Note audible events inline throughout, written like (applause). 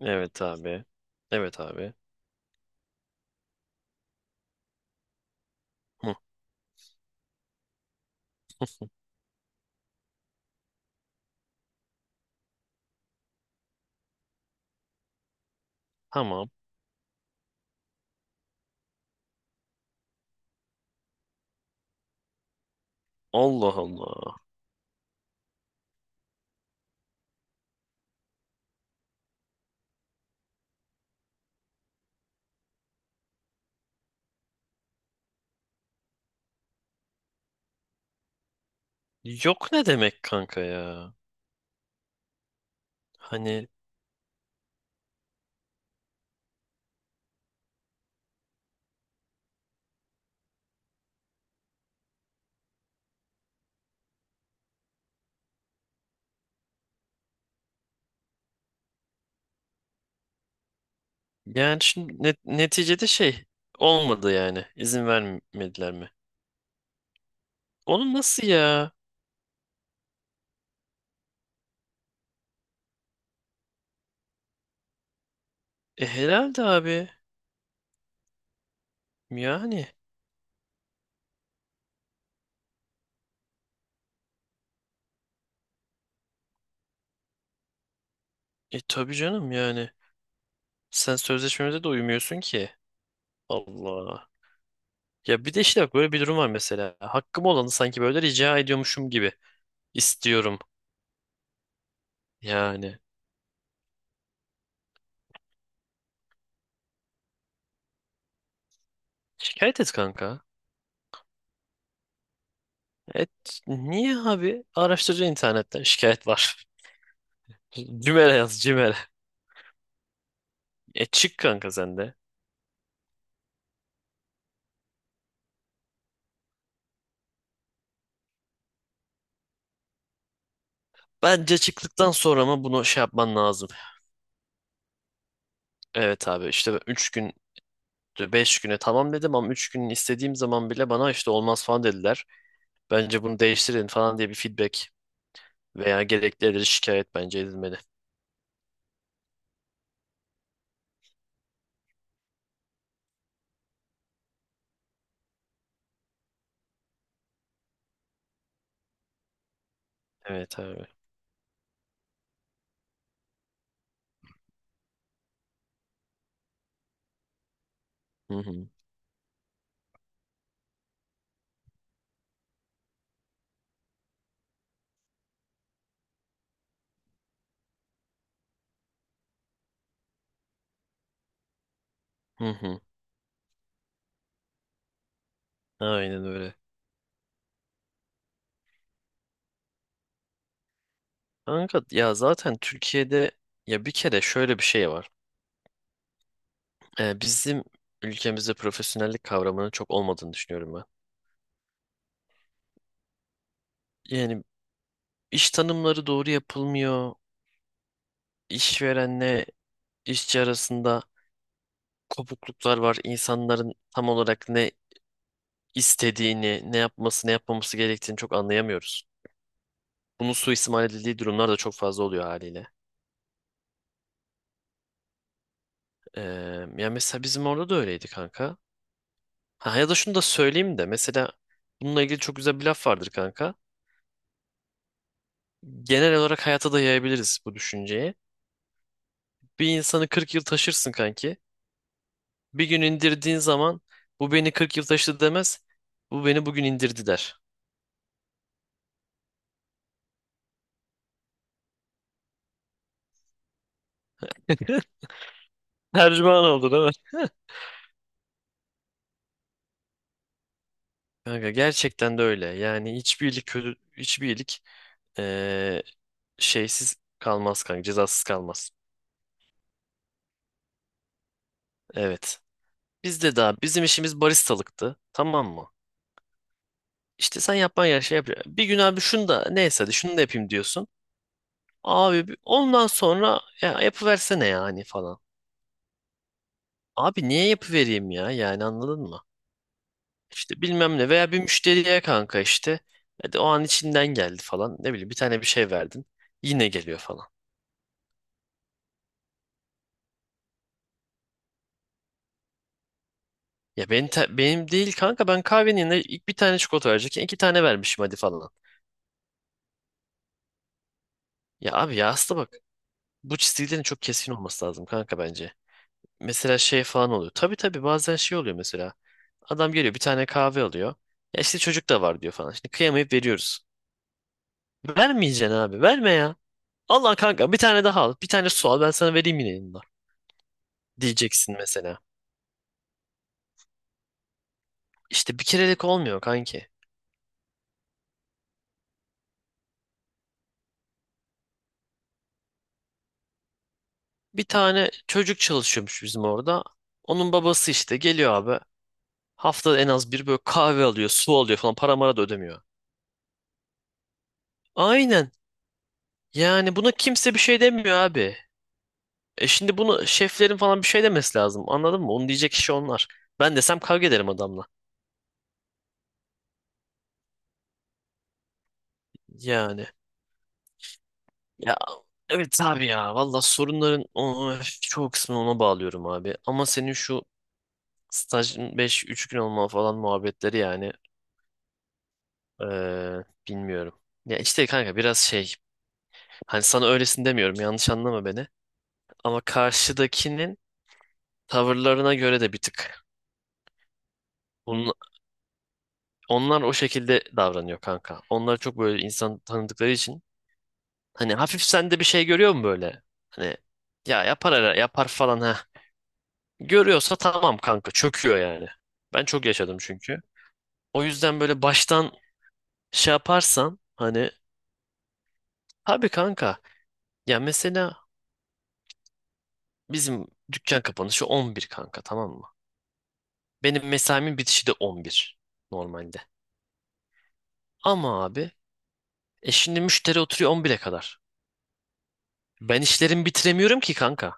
Evet abi. Evet abi. Hı, tamam. Allah Allah. Yok ne demek kanka ya? Hani yani şimdi neticede şey olmadı yani. İzin vermediler mi? Oğlum nasıl ya? E herhalde abi. Yani. E tabii canım yani. Sen sözleşmemize de uymuyorsun ki. Allah. Ya bir de işte bak böyle bir durum var mesela. Hakkım olanı sanki böyle rica ediyormuşum gibi. İstiyorum. Yani. Şikayet et kanka. Evet, niye abi? Araştırca internetten şikayet var. (laughs) Cimer'e yaz Cimer'e. E çık kanka sen de. Bence çıktıktan sonra mı bunu şey yapman lazım. Evet abi, işte 3 gün 5 güne tamam dedim ama 3 gün istediğim zaman bile bana işte olmaz falan dediler. Bence bunu değiştirin falan diye bir feedback veya gerekli edilmiş şikayet bence edilmeli. Evet abi. Hı hı. Hı hı. Aynen öyle. Kanka ya, zaten Türkiye'de ya bir kere şöyle bir şey var. Bizim ülkemizde profesyonellik kavramının çok olmadığını düşünüyorum ben. Yani iş tanımları doğru yapılmıyor. İşverenle işçi arasında kopukluklar var. İnsanların tam olarak ne istediğini, ne yapması, ne yapmaması gerektiğini çok anlayamıyoruz. Bunun suistimal edildiği durumlar da çok fazla oluyor haliyle. Ee, Yani mesela bizim orada da öyleydi kanka. Ha, ya da şunu da söyleyeyim de mesela bununla ilgili çok güzel bir laf vardır kanka. Genel olarak hayata da yayabiliriz bu düşünceyi. Bir insanı 40 yıl taşırsın kanki. Bir gün indirdiğin zaman bu beni 40 yıl taşıdı demez. Bu beni bugün indirdi der. (laughs) Tercüman oldu değil mi? (laughs) Kanka gerçekten de öyle. Yani hiçbir iyilik kötü, hiçbir iyilik eee, şeysiz kalmaz kanka, cezasız kalmaz. Evet. Bizde daha bizim işimiz baristalıktı. Tamam mı? İşte sen yapman gereken şey yap. Bir gün abi şunu da neyse hadi şunu da yapayım diyorsun. Abi ondan sonra ya yapıversene yani falan. Abi niye yapıvereyim ya? Yani anladın mı? İşte bilmem ne veya bir müşteriye kanka işte. Hadi o an içinden geldi falan. Ne bileyim bir tane bir şey verdin. Yine geliyor falan. Ya benim değil kanka, ben kahvenin yerine ilk bir tane çikolata verecekken 2 tane vermişim hadi falan. Ya abi ya, aslında bak bu çizgilerin çok keskin olması lazım kanka bence. Mesela şey falan oluyor. Tabii tabii, bazen şey oluyor mesela. Adam geliyor bir tane kahve alıyor. Ya işte çocuk da var diyor falan. Şimdi kıyamayıp veriyoruz. Vermeyeceksin abi, verme ya. Allah kanka, bir tane daha al. Bir tane su al, ben sana vereyim yine yanında. Diyeceksin mesela. İşte bir kerelik olmuyor kanki. Bir tane çocuk çalışıyormuş bizim orada. Onun babası işte geliyor abi. Haftada en az bir böyle kahve alıyor, su alıyor falan. Para mara da ödemiyor. Aynen. Yani buna kimse bir şey demiyor abi. E şimdi bunu şeflerin falan bir şey demesi lazım. Anladın mı? Onu diyecek kişi onlar. Ben desem kavga ederim adamla. Yani. Ya, evet abi ya. Valla sorunların çoğu kısmını ona bağlıyorum abi. Ama senin şu stajın beş üç gün olma falan muhabbetleri yani. Bilmiyorum. Ya işte kanka biraz şey, hani sana öylesin demiyorum, yanlış anlama beni. Ama karşıdakinin tavırlarına göre de bir tık. Bunun- Onlar o şekilde davranıyor kanka. Onlar çok böyle insan tanıdıkları için. Hani hafif sende bir şey görüyor mu böyle? Hani ya yapar yapar falan ha. Görüyorsa tamam kanka, çöküyor yani. Ben çok yaşadım çünkü. O yüzden böyle baştan şey yaparsan hani tabii kanka ya, mesela bizim dükkan kapanışı 11 kanka, tamam mı? Benim mesaimin bitişi de 11 normalde. Ama abi şimdi müşteri oturuyor 11'e kadar. Ben işlerimi bitiremiyorum ki kanka.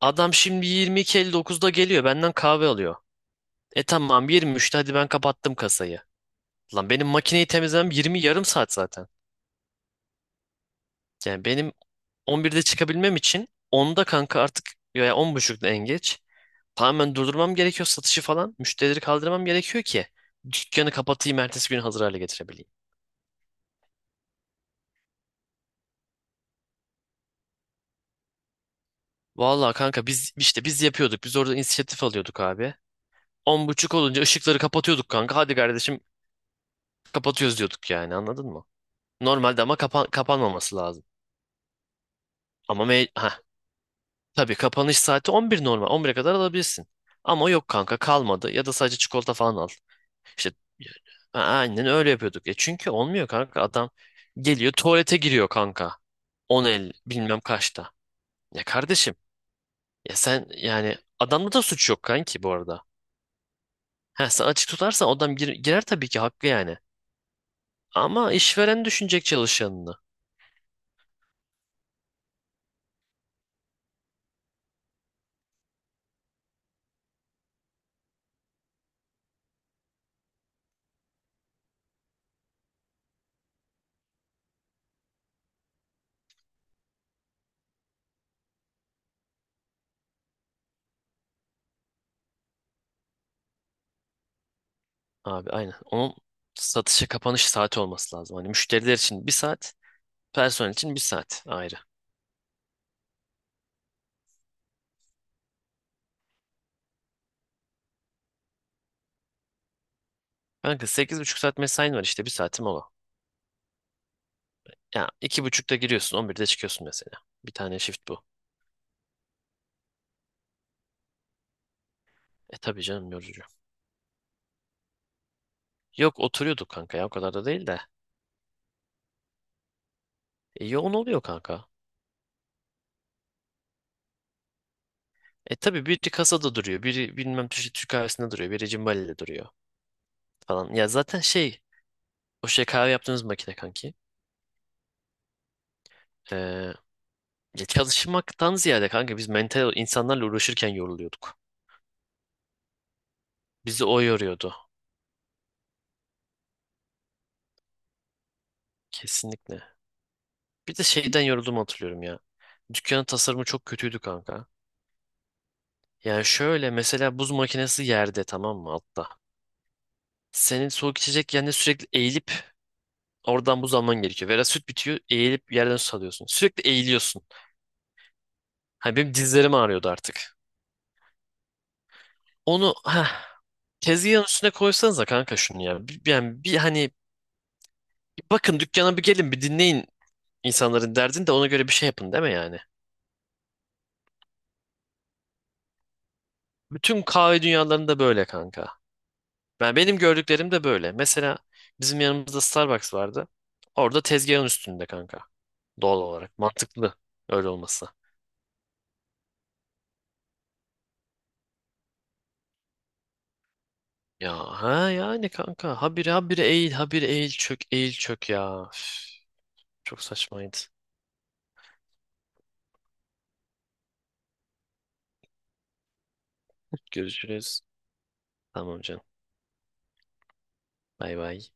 Adam şimdi 22:59'da geliyor benden kahve alıyor. E tamam, 23'te hadi ben kapattım kasayı. Lan benim makineyi temizlemem 20 yarım saat zaten. Yani benim 11'de çıkabilmem için 10'da kanka, artık ya 10:30'da en geç. Tamamen durdurmam gerekiyor satışı falan. Müşterileri kaldırmam gerekiyor ki dükkanı kapatayım, ertesi gün hazır hale getirebileyim. Vallahi kanka biz işte biz yapıyorduk. Biz orada inisiyatif alıyorduk abi. 10:30 olunca ışıkları kapatıyorduk kanka. Hadi kardeşim kapatıyoruz diyorduk yani, anladın mı? Normalde ama kapanmaması lazım. Ama me ha tabii kapanış saati 11 normal. 11'e kadar alabilirsin. Ama yok kanka, kalmadı ya da sadece çikolata falan al. İşte aynen öyle yapıyorduk. Ya çünkü olmuyor kanka, adam geliyor tuvalete giriyor kanka. 10 bilmem kaçta. Ya kardeşim, ya sen yani adamda da suç yok kanki bu arada. Ha, sen açık tutarsan adam girer, tabii ki haklı yani. Ama işveren düşünecek çalışanını. Abi aynen. Onun satışa kapanış saati olması lazım. Hani müşteriler için bir saat, personel için bir saat ayrı. Kanka 8,5 saat mesain var, işte bir saatim ola. Ya 2:30'da giriyorsun 11'de çıkıyorsun mesela. Bir tane shift bu. E tabii canım, yorucu. Yok oturuyorduk kanka ya, o kadar da değil de. E, yoğun oluyor kanka. E tabii, biri kasada duruyor. Biri bilmem Türk kahvesinde duruyor. Biri cimbaliyle duruyor falan. Ya zaten şey, o şey kahve yaptığımız makine kanki. Ee, Ya çalışmaktan ziyade kanka biz mental insanlarla uğraşırken yoruluyorduk. Bizi o yoruyordu. Kesinlikle. Bir de şeyden yorulduğumu hatırlıyorum ya. Dükkanın tasarımı çok kötüydü kanka. Yani şöyle mesela, buz makinesi yerde, tamam mı, altta. Senin soğuk içecek yerine sürekli eğilip oradan buz alman gerekiyor. Veya süt bitiyor, eğilip yerden süt alıyorsun. Sürekli eğiliyorsun. Hani benim dizlerim ağrıyordu artık. Onu heh, tezgahın üstüne koysanıza kanka şunu ya. Bir bakın dükkana, bir gelin, bir dinleyin, İnsanların derdini de ona göre bir şey yapın, değil mi yani? Bütün kahve dünyalarında böyle kanka. Benim gördüklerim de böyle. Mesela bizim yanımızda Starbucks vardı. Orada tezgahın üstünde kanka. Doğal olarak mantıklı öyle olması. Ya ha yani kanka, habire habire eğil habire eğil çök eğil çök ya. Üf, çok saçmaydı. Görüşürüz. Tamam canım. Bay bay.